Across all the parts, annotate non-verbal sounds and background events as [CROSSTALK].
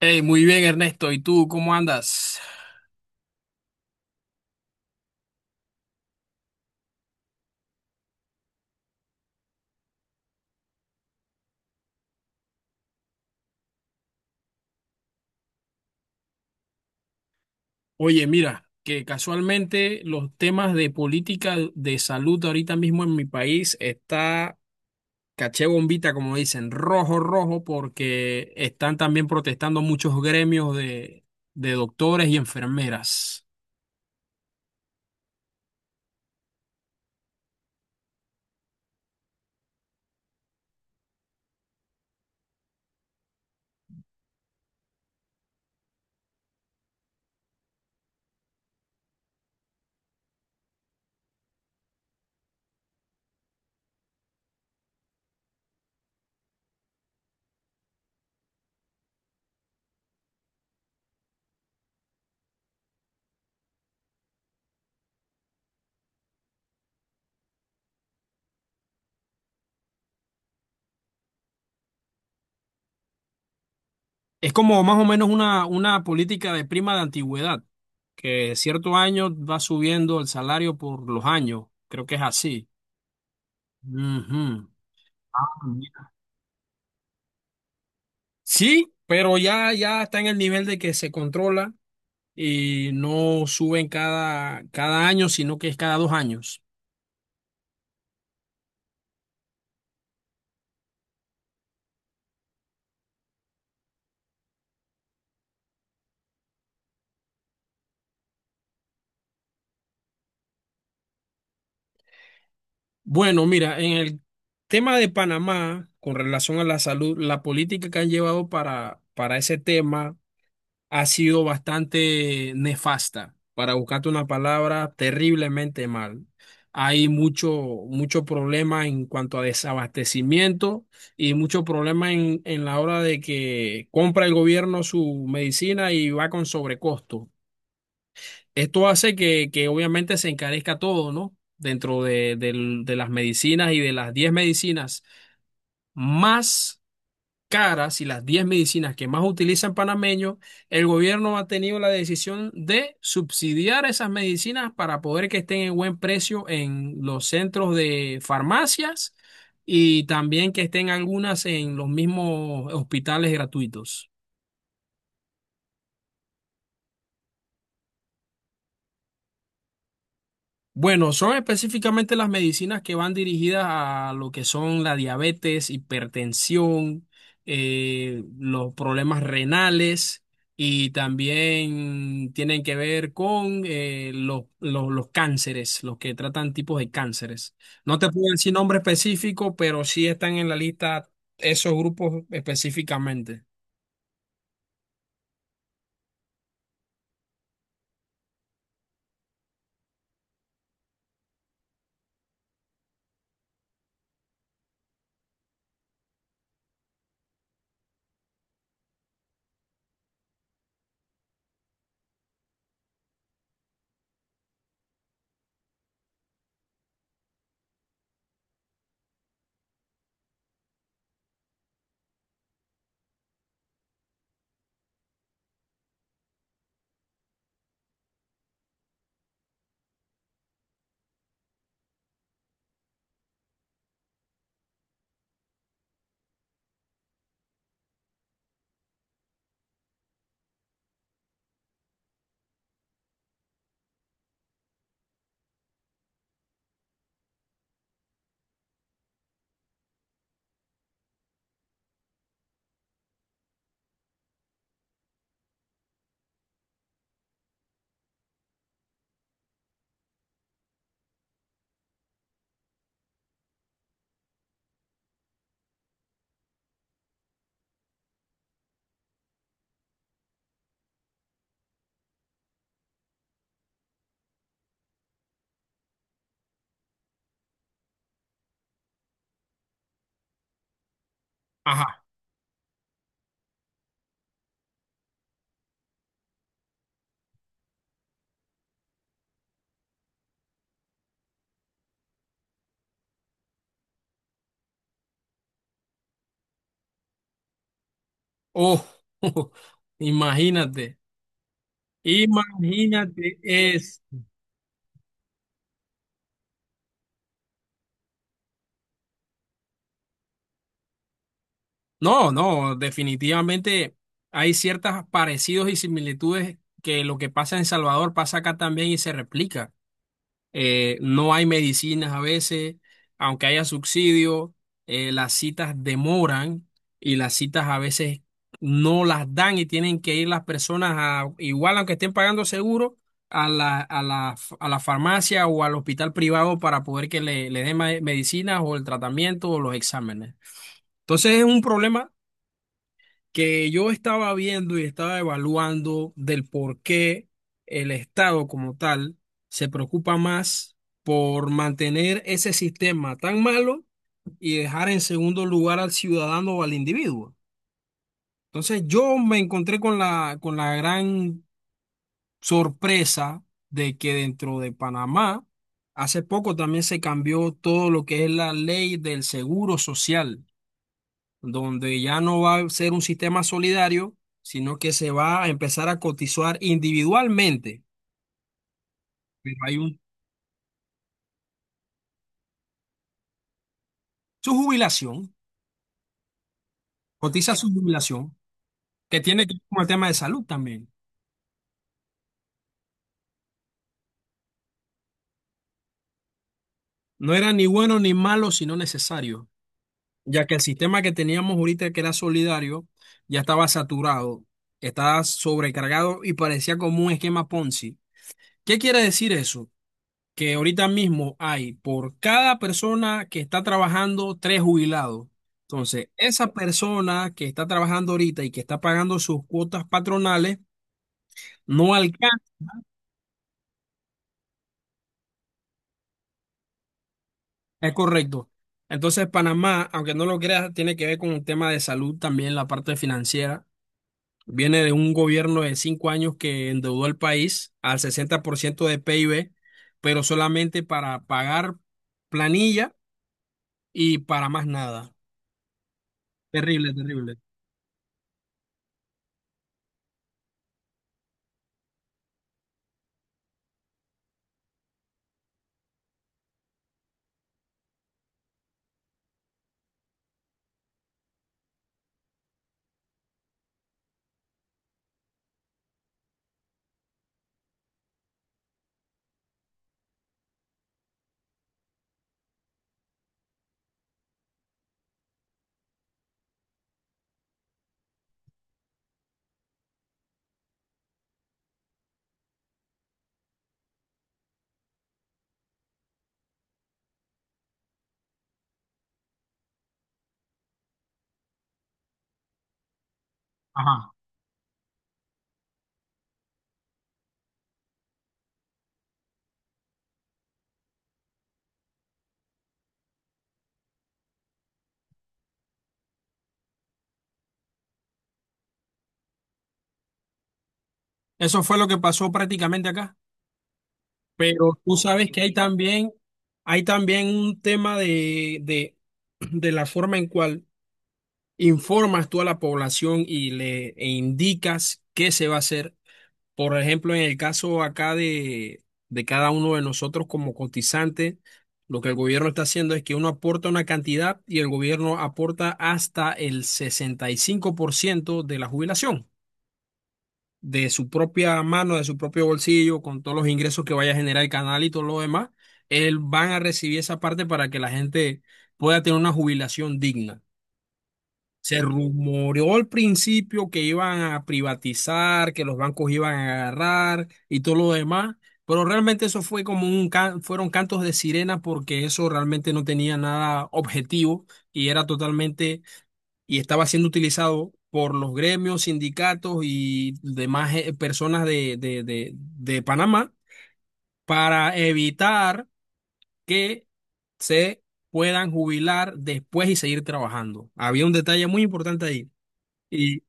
Hey, muy bien, Ernesto. ¿Y tú cómo andas? Oye, mira, que casualmente los temas de política de salud ahorita mismo en mi país está caché bombita, como dicen, rojo, rojo, porque están también protestando muchos gremios de doctores y enfermeras. Es como más o menos una política de prima de antigüedad, que cierto año va subiendo el salario por los años. Creo que es así. Ujú. Sí, pero ya, ya está en el nivel de que se controla y no suben cada año, sino que es cada 2 años. Bueno, mira, en el tema de Panamá, con relación a la salud, la política que han llevado para ese tema ha sido bastante nefasta. Para buscarte una palabra, terriblemente mal. Hay mucho, mucho problema en cuanto a desabastecimiento y mucho problema en la hora de que compra el gobierno su medicina y va con sobrecosto. Esto hace que obviamente se encarezca todo, ¿no? Dentro de las medicinas y de las 10 medicinas más caras y las 10 medicinas que más utilizan panameños, el gobierno ha tenido la decisión de subsidiar esas medicinas para poder que estén en buen precio en los centros de farmacias y también que estén algunas en los mismos hospitales gratuitos. Bueno, son específicamente las medicinas que van dirigidas a lo que son la diabetes, hipertensión, los problemas renales y también tienen que ver con los cánceres, los que tratan tipos de cánceres. No te puedo decir nombre específico, pero sí están en la lista esos grupos específicamente. Ajá. Oh, [LAUGHS] imagínate, imagínate. No, no, definitivamente hay ciertos parecidos y similitudes que lo que pasa en Salvador pasa acá también y se replica. No hay medicinas a veces, aunque haya subsidio, las citas demoran y las citas a veces no las dan y tienen que ir las personas a, igual aunque estén pagando seguro, a la farmacia o al hospital privado para poder que le den ma- medicinas o el tratamiento o los exámenes. Entonces es un problema que yo estaba viendo y estaba evaluando del por qué el Estado como tal se preocupa más por mantener ese sistema tan malo y dejar en segundo lugar al ciudadano o al individuo. Entonces yo me encontré con la gran sorpresa de que dentro de Panamá hace poco también se cambió todo lo que es la ley del seguro social donde ya no va a ser un sistema solidario, sino que se va a empezar a cotizar individualmente. Pero hay un, su jubilación, cotiza su jubilación, que tiene que ver con el tema de salud también. No era ni bueno ni malo, sino necesario, ya que el sistema que teníamos ahorita, que era solidario, ya estaba saturado, estaba sobrecargado y parecía como un esquema Ponzi. ¿Qué quiere decir eso? Que ahorita mismo hay por cada persona que está trabajando tres jubilados. Entonces, esa persona que está trabajando ahorita y que está pagando sus cuotas patronales no alcanza, es correcto. Entonces, Panamá, aunque no lo creas, tiene que ver con un tema de salud también, la parte financiera. Viene de un gobierno de 5 años que endeudó al país al 60% de PIB, pero solamente para pagar planilla y para más nada. Terrible, terrible. Ajá. Eso fue lo que pasó prácticamente acá. Pero tú sabes que hay también un tema de la forma en cual informas tú a la población y le e indicas qué se va a hacer. Por ejemplo, en el caso acá de cada uno de nosotros como cotizante, lo que el gobierno está haciendo es que uno aporta una cantidad y el gobierno aporta hasta el 65% de la jubilación de su propia mano, de su propio bolsillo, con todos los ingresos que vaya a generar el canal y todo lo demás, él van a recibir esa parte para que la gente pueda tener una jubilación digna. Se rumoreó al principio que iban a privatizar, que los bancos iban a agarrar y todo lo demás, pero realmente eso fue como un can- fueron cantos de sirena porque eso realmente no tenía nada objetivo y era totalmente y estaba siendo utilizado por los gremios, sindicatos y demás personas de Panamá para evitar que se puedan jubilar después y seguir trabajando. Había un detalle muy importante ahí. Y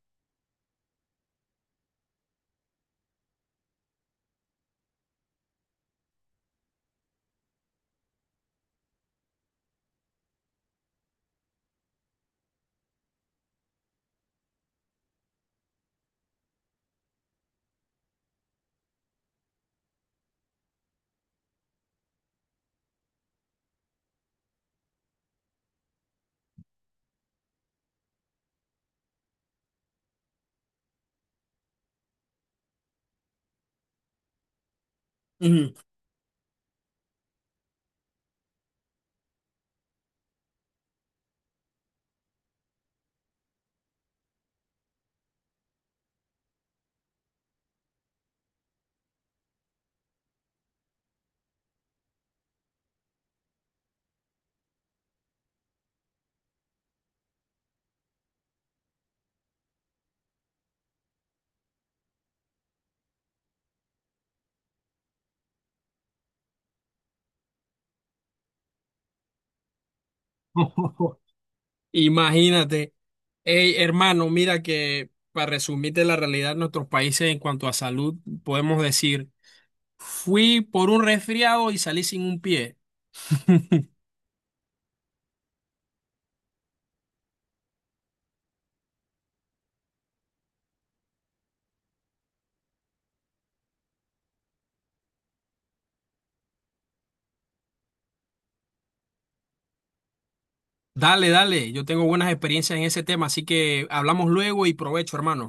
Ujú. [LAUGHS] imagínate, hey, hermano, mira que para resumirte la realidad de nuestros países en cuanto a salud, podemos decir, fui por un resfriado y salí sin un pie. Dale, dale, yo tengo buenas experiencias en ese tema, así que hablamos luego y provecho, hermano.